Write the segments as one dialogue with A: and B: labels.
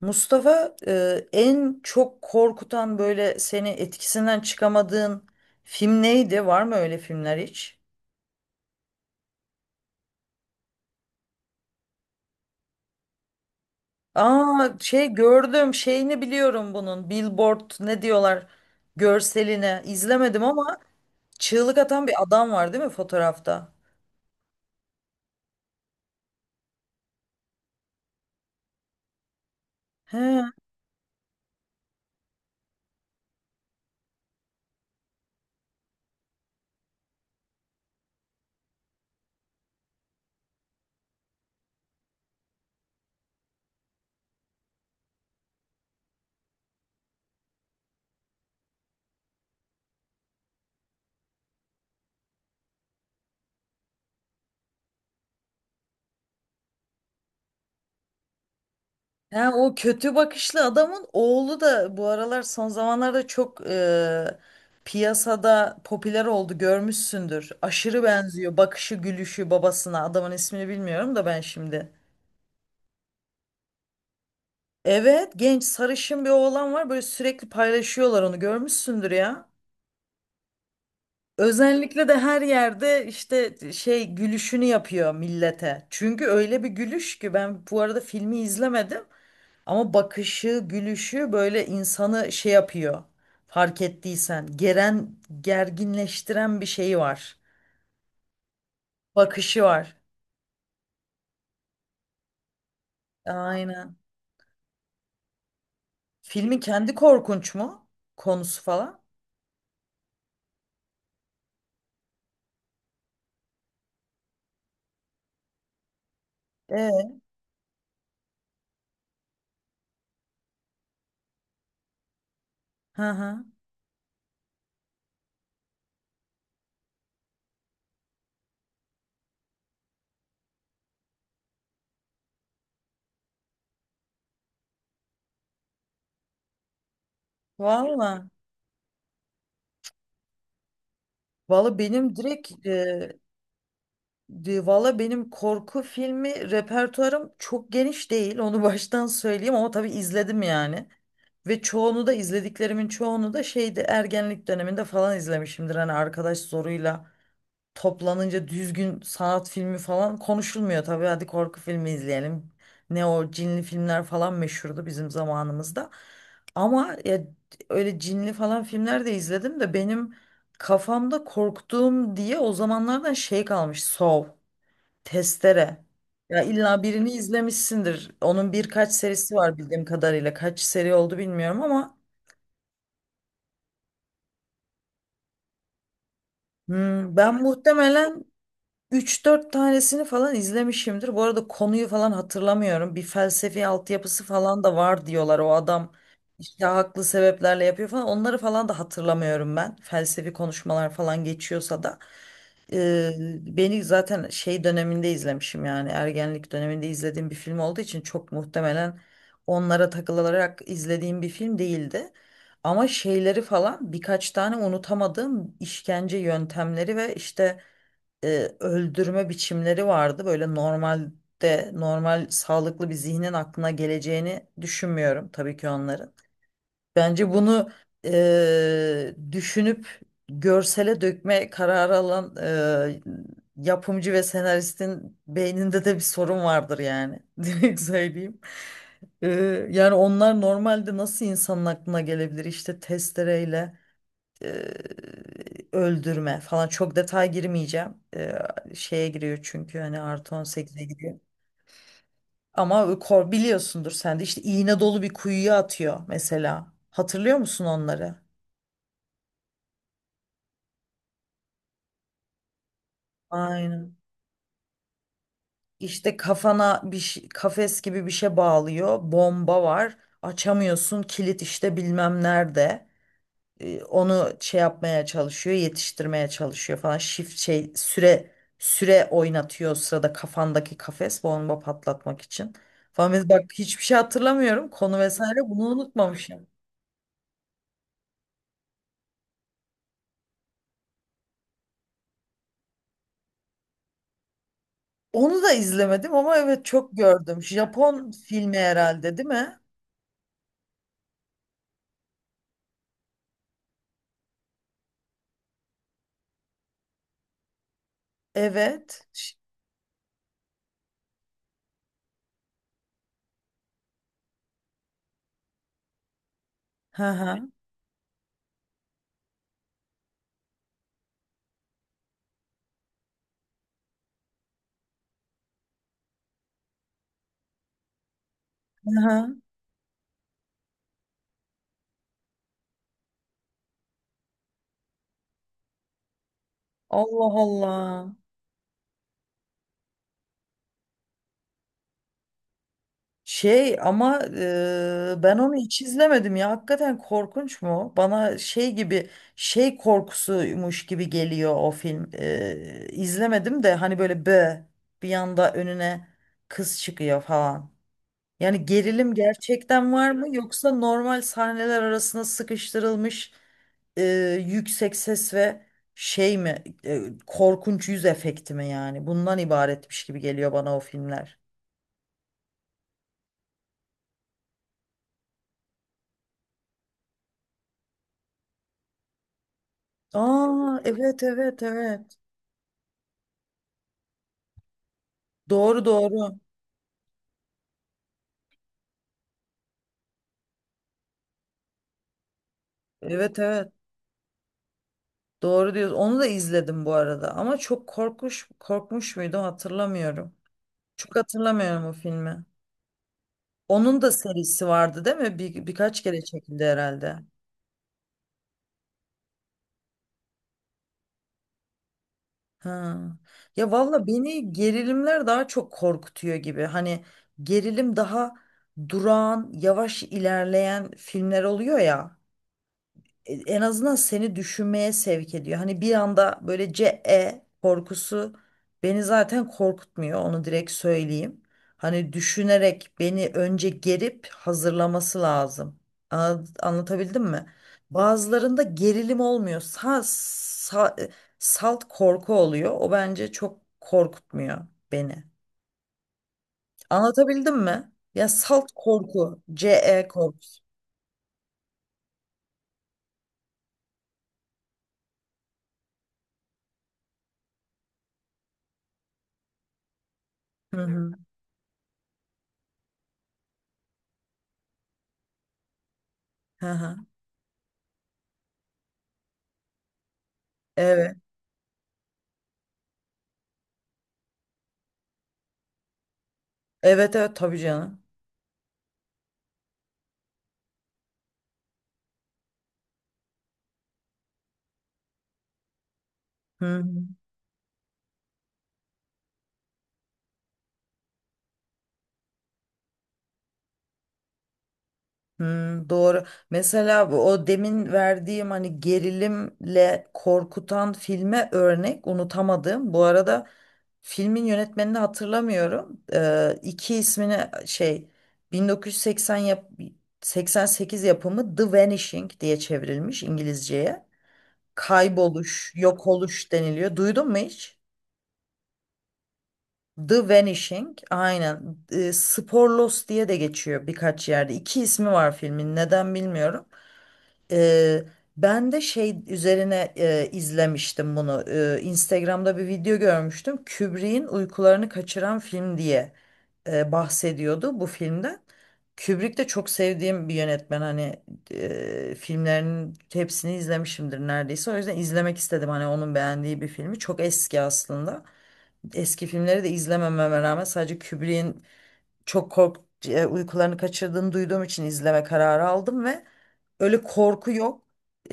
A: Mustafa, en çok korkutan böyle seni etkisinden çıkamadığın film neydi? Var mı öyle filmler hiç? Aa, şey gördüm, şeyini biliyorum bunun, billboard ne diyorlar görseline. İzlemedim ama çığlık atan bir adam var değil mi fotoğrafta? He. Ha, o kötü bakışlı adamın oğlu da bu aralar, son zamanlarda çok piyasada popüler oldu, görmüşsündür. Aşırı benziyor bakışı, gülüşü babasına. Adamın ismini bilmiyorum da ben şimdi. Evet, genç sarışın bir oğlan var böyle, sürekli paylaşıyorlar onu, görmüşsündür ya. Özellikle de her yerde işte şey gülüşünü yapıyor millete. Çünkü öyle bir gülüş ki, ben bu arada filmi izlemedim. Ama bakışı, gülüşü böyle insanı şey yapıyor. Fark ettiysen, geren, gerginleştiren bir şey var. Bakışı var. Aynen. Filmin kendi korkunç mu? Konusu falan. Ee. Hı hı. Valla. Valla benim direkt e, De- Valla benim korku filmi repertuarım çok geniş değil. Onu baştan söyleyeyim ama tabii izledim yani. Ve çoğunu da izlediklerimin çoğunu da şeydi, ergenlik döneminde falan izlemişimdir. Hani arkadaş zoruyla toplanınca düzgün sanat filmi falan konuşulmuyor tabii. Hadi korku filmi izleyelim. Ne o cinli filmler falan meşhurdu bizim zamanımızda. Ama ya, öyle cinli falan filmler de izledim de benim kafamda korktuğum diye o zamanlardan şey kalmış. Saw. Testere. Ya illa birini izlemişsindir. Onun birkaç serisi var bildiğim kadarıyla. Kaç seri oldu bilmiyorum ama ben muhtemelen üç dört tanesini falan izlemişimdir. Bu arada konuyu falan hatırlamıyorum. Bir felsefi altyapısı falan da var diyorlar. O adam işte haklı sebeplerle yapıyor falan. Onları falan da hatırlamıyorum ben. Felsefi konuşmalar falan geçiyorsa da. Ee, Beni zaten şey döneminde izlemişim yani ergenlik döneminde izlediğim bir film olduğu için çok muhtemelen onlara takılarak izlediğim bir film değildi. Ama şeyleri falan birkaç tane unutamadığım işkence yöntemleri ve işte e, öldürme biçimleri vardı. Böyle normalde normal sağlıklı bir zihnin aklına geleceğini düşünmüyorum tabii ki onların. Bence bunu düşünüp görsele dökme kararı alan e, yapımcı ve senaristin beyninde de bir sorun vardır yani. Direkt söyleyeyim. E, Yani onlar normalde nasıl insanın aklına gelebilir, işte testereyle e, öldürme falan, çok detay girmeyeceğim. Şeye giriyor çünkü hani artı 18'e giriyor. Ama biliyorsundur sen de işte iğne dolu bir kuyuya atıyor mesela. Hatırlıyor musun onları? Aynen. İşte kafana kafes gibi bir şey bağlıyor. Bomba var. Açamıyorsun. Kilit işte bilmem nerede. Onu şey yapmaya çalışıyor, yetiştirmeye çalışıyor falan. Shift şey süre oynatıyor o sırada kafandaki kafes bomba patlatmak için. Falan biz bak hiçbir şey hatırlamıyorum. Konu vesaire bunu unutmamışım. Onu da izlemedim ama evet çok gördüm. Japon filmi herhalde değil mi? Evet. Hı hı. Hı hı. Allah Allah. Şey ama ben onu hiç izlemedim ya. Hakikaten korkunç mu? Bana şey gibi, şey korkusuymuş gibi geliyor o film. İzlemedim de hani böyle bir yanda önüne kız çıkıyor falan. Yani gerilim gerçekten var mı, yoksa normal sahneler arasına sıkıştırılmış yüksek ses ve şey mi, korkunç yüz efekti mi yani? Bundan ibaretmiş gibi geliyor bana o filmler. Aa, evet, evet, evet. Doğru, doğru. Evet, evet. Doğru diyorsun. Onu da izledim bu arada. Ama çok korkmuş muydu hatırlamıyorum. Çok hatırlamıyorum o filmi. Onun da serisi vardı değil mi? Birkaç kere çekildi herhalde. Ha. Ya valla beni gerilimler daha çok korkutuyor gibi. Hani gerilim daha durağan, yavaş ilerleyen filmler oluyor ya. En azından seni düşünmeye sevk ediyor. Hani bir anda böyle C E korkusu beni zaten korkutmuyor. Onu direkt söyleyeyim. Hani düşünerek beni önce gerip hazırlaması lazım. Anlatabildim mi? Bazılarında gerilim olmuyor. Salt korku oluyor. O bence çok korkutmuyor beni. Anlatabildim mi? Ya salt korku, C E korkusu. Hı hı. Hı hı. Evet. Evet, evet, tabii canım. Hı hı. Hmm, doğru. Mesela o demin verdiğim hani gerilimle korkutan filme örnek, unutamadım. Bu arada filmin yönetmenini hatırlamıyorum. İki ismini şey, 1980 yap 88 yapımı The Vanishing diye çevrilmiş İngilizceye. Kayboluş, yok oluş deniliyor. Duydun mu hiç? The Vanishing, aynen. Sporlos diye de geçiyor birkaç yerde. İki ismi var filmin. Neden bilmiyorum. Eee, Ben de şey üzerine izlemiştim bunu. Instagram'da bir video görmüştüm. Kubrick'in uykularını kaçıran film diye bahsediyordu bu filmden. Kubrick de çok sevdiğim bir yönetmen. Hani filmlerinin hepsini izlemişimdir neredeyse. O yüzden izlemek istedim. Hani onun beğendiği bir filmi. Çok eski aslında. Eski filmleri de izlemememe rağmen sadece Kubrick'in çok kork uykularını kaçırdığını duyduğum için izleme kararı aldım ve öyle korku yok.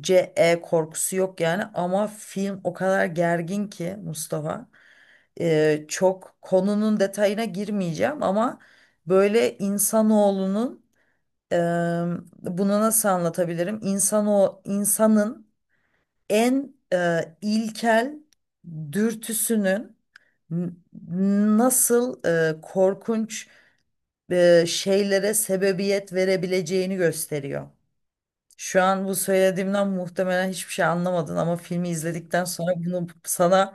A: CE korkusu yok yani, ama film o kadar gergin ki Mustafa. Çok konunun detayına girmeyeceğim ama böyle insanoğlunun, e, bunu nasıl anlatabilirim? İnsanın en ilkel dürtüsünün n- nasıl korkunç şeylere sebebiyet verebileceğini gösteriyor. Şu an bu söylediğimden muhtemelen hiçbir şey anlamadın ama filmi izledikten sonra bunu sana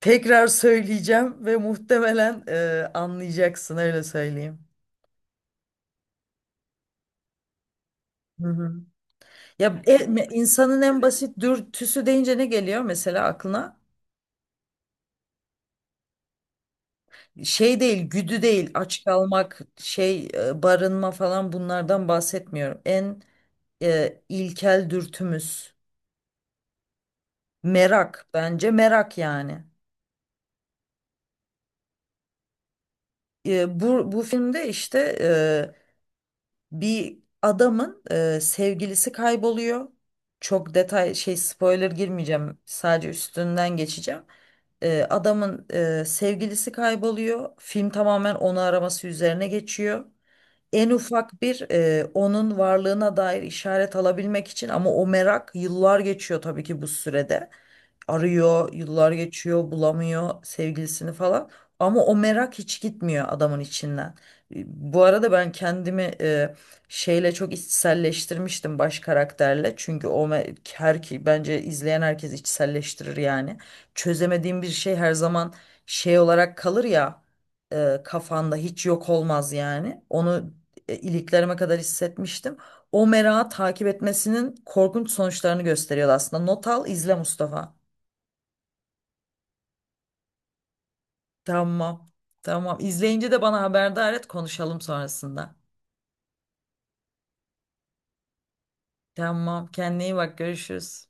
A: tekrar söyleyeceğim ve muhtemelen anlayacaksın, öyle söyleyeyim. Hı hı. Ya insanın en basit dürtüsü deyince ne geliyor mesela aklına? Şey değil, güdü değil, aç kalmak, şey, barınma falan, bunlardan bahsetmiyorum. En ilkel dürtümüz merak, bence merak yani. Bu filmde işte bir adamın sevgilisi kayboluyor. Çok detay şey, spoiler girmeyeceğim. Sadece üstünden geçeceğim. Adamın sevgilisi kayboluyor. Film tamamen onu araması üzerine geçiyor, en ufak bir onun varlığına dair işaret alabilmek için, ama o merak. Yıllar geçiyor tabii ki bu sürede. Arıyor, yıllar geçiyor, bulamıyor sevgilisini falan. Ama o merak hiç gitmiyor adamın içinden. E, Bu arada ben kendimi şeyle çok içselleştirmiştim, baş karakterle. Çünkü o me- her ki bence izleyen herkes içselleştirir yani. Çözemediğim bir şey her zaman şey olarak kalır ya, kafanda hiç yok olmaz yani. Onu iliklerime kadar hissetmiştim. O merağı takip etmesinin korkunç sonuçlarını gösteriyor aslında. Not al, izle Mustafa. Tamam. Tamam. İzleyince de bana haberdar et, konuşalım sonrasında. Tamam. Kendine iyi bak. Görüşürüz.